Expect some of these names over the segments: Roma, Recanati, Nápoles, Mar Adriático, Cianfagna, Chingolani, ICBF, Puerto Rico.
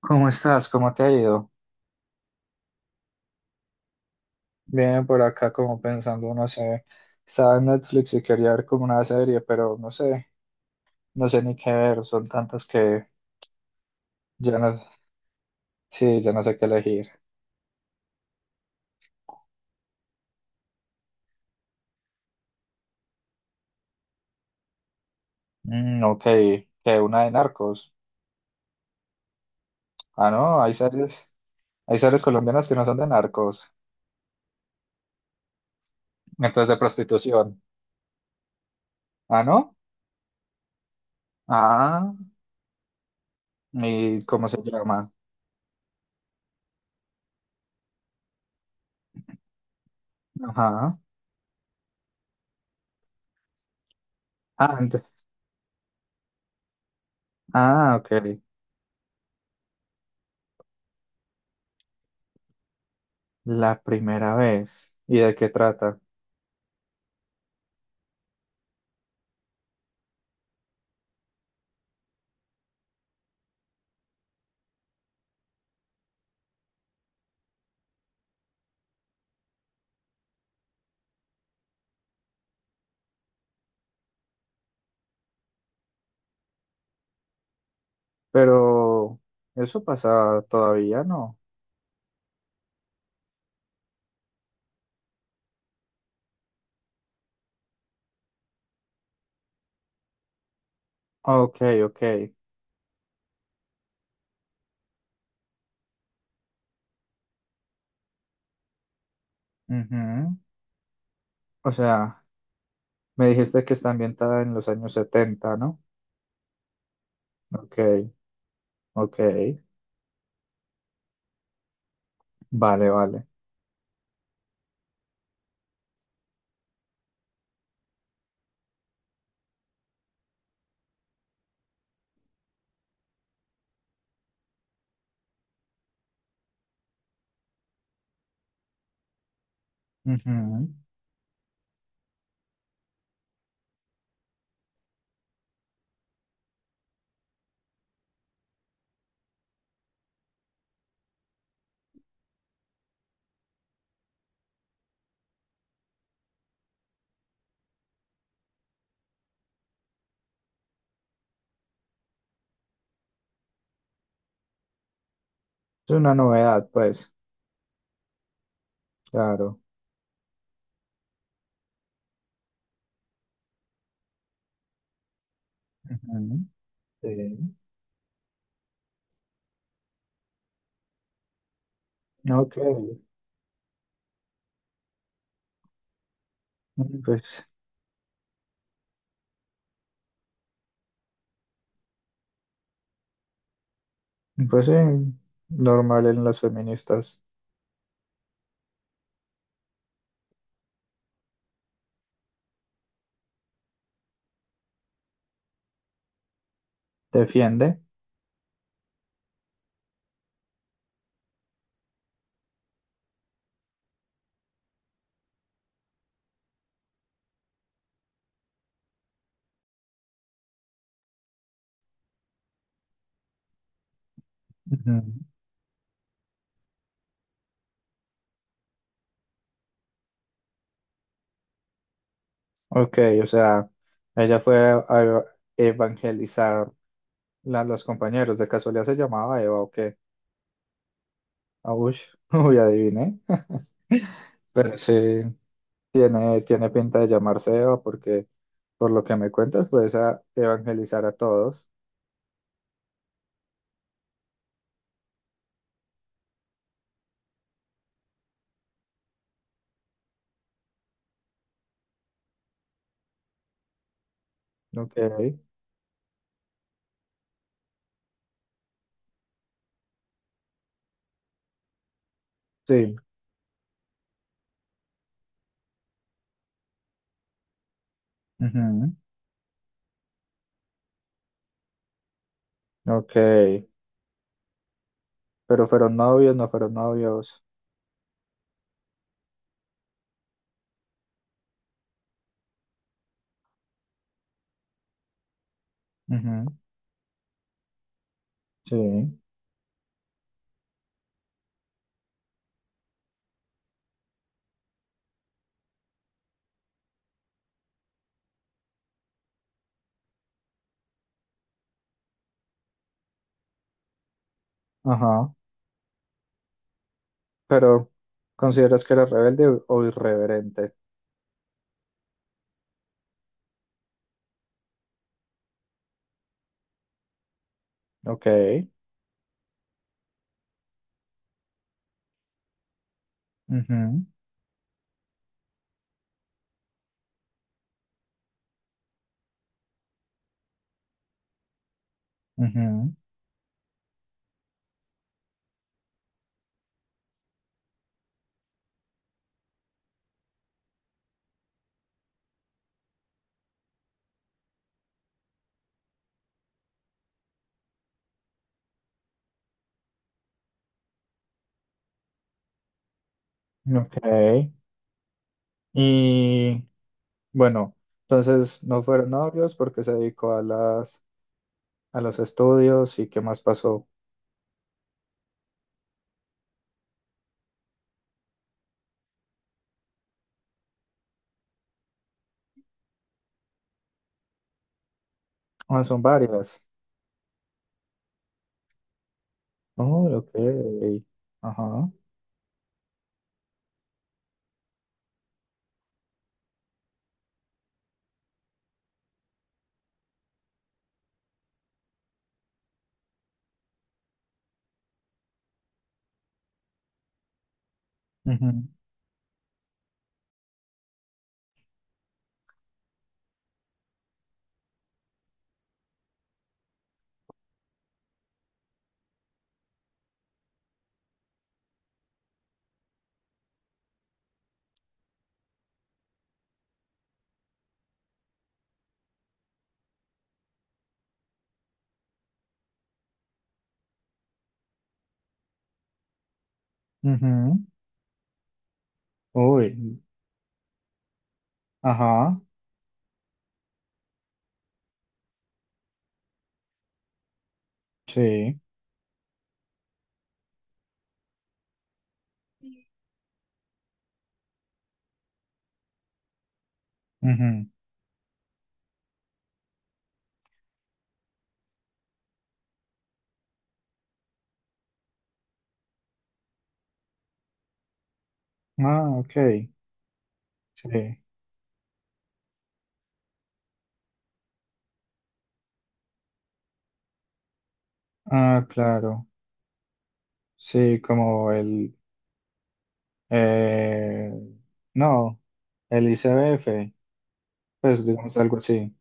¿Cómo estás? ¿Cómo te ha ido? Bien, por acá como pensando, no sé, estaba en Netflix y quería ver como una serie, pero no sé, no sé ni qué ver, son tantas que ya no, sí, ya no sé qué elegir. Mm, ok, que una de narcos. Ah, no, hay series colombianas que no son de narcos, entonces de prostitución. Ah, no, ah, ¿y cómo se llama? Ajá, ah, ent- ah, ok, la primera vez. ¿Y de qué trata? Pero eso pasa todavía, ¿no? Ok, ok. Ujú. O sea, me dijiste que está ambientada en los años setenta, ¿no? Ok, ok. Vale, vale. Ujú. Es una novedad, pues, claro. Ujú. Sí. Ok. Pues, pues sí, normal en las feministas. Defiende. Ujú. Ok, o sea, ella fue a evangelizar a los compañeros. ¿De casualidad se llamaba Eva o qué? Aush, uy, adiviné. Pero sí, tiene pinta de llamarse Eva porque, por lo que me cuentas, puedes a evangelizar a todos. Ok, sí. Ujú, ok, pero fueron novios, no fueron novios. Ujú, sí, ajá. Pero, ¿consideras que era rebelde o irreverente? Ok, ujú, ujú, ok. Y bueno, entonces no fueron novios porque se dedicó a las a los estudios y qué más pasó. Ah, son varias. Oh, ok. Ajá. Ujú, ujú. Uy. Ajá. Sí. Ujú. Ah, ok. Sí. Ah, claro. Sí, como el... eh, no, el ICBF. Pues digamos algo así.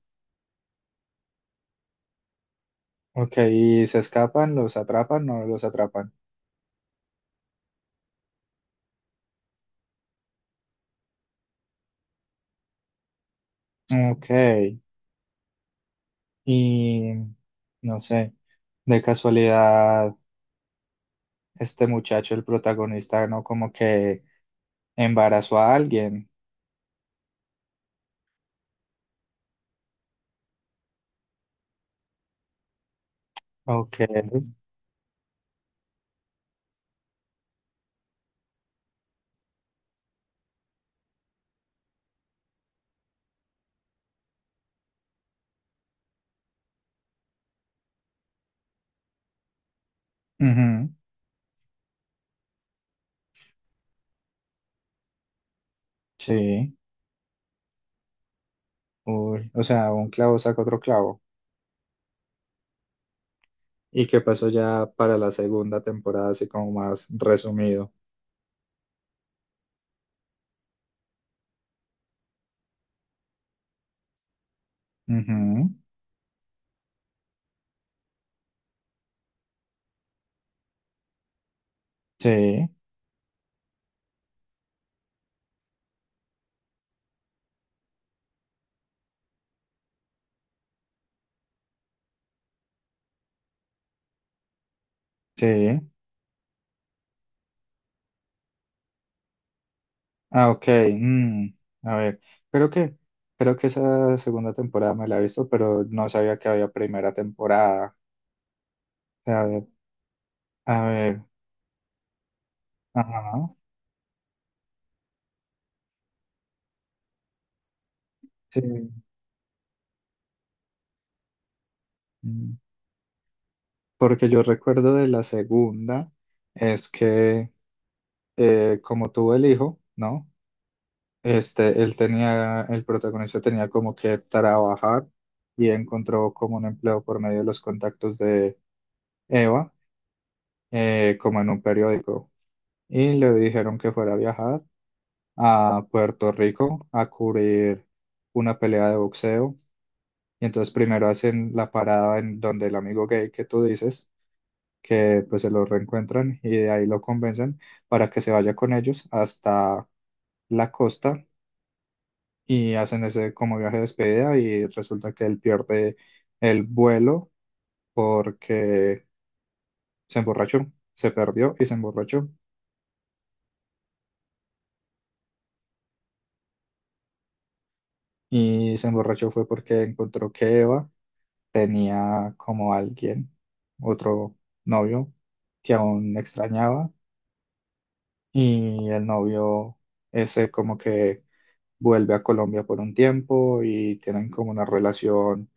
Ok, ¿y se escapan? ¿Los atrapan? ¿No los atrapan? Ok. Y... No sé. De casualidad. Este muchacho, el protagonista, ¿no? Como que embarazó a alguien. Ok. Ujú. Sí. Uy, o sea, un clavo saca otro clavo. ¿Y qué pasó ya para la segunda temporada, así como más resumido? Ujú. Sí, sí. Ah, ok. Mm, a ver, creo que, creo que esa segunda temporada me la he visto, pero no sabía que había primera temporada. A ver, a ver. Ajá. Sí. Porque yo recuerdo de la segunda es que como tuvo el hijo, ¿no? Este, el protagonista tenía como que trabajar y encontró como un empleo por medio de los contactos de Eva, como en un periódico. Y le dijeron que fuera a viajar a Puerto Rico a cubrir una pelea de boxeo. Y entonces primero hacen la parada en donde el amigo gay que tú dices que pues se lo reencuentran y de ahí lo convencen para que se vaya con ellos hasta la costa y hacen ese como viaje de despedida y resulta que él pierde el vuelo porque se emborrachó, se perdió y se emborrachó. Y se emborrachó fue porque encontró que Eva tenía como alguien, otro novio que aún extrañaba y el novio ese como que vuelve a Colombia por un tiempo y tienen como una relación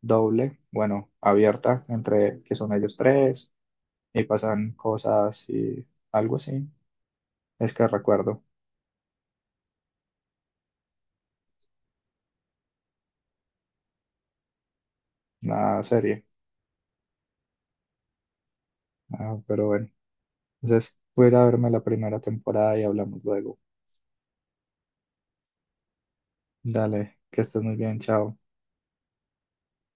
doble, bueno, abierta entre que son ellos tres y pasan cosas y algo así. Es que recuerdo la serie. Ah, pero bueno, entonces voy a ir a verme la primera temporada y hablamos luego. Dale, que estés muy bien, chao.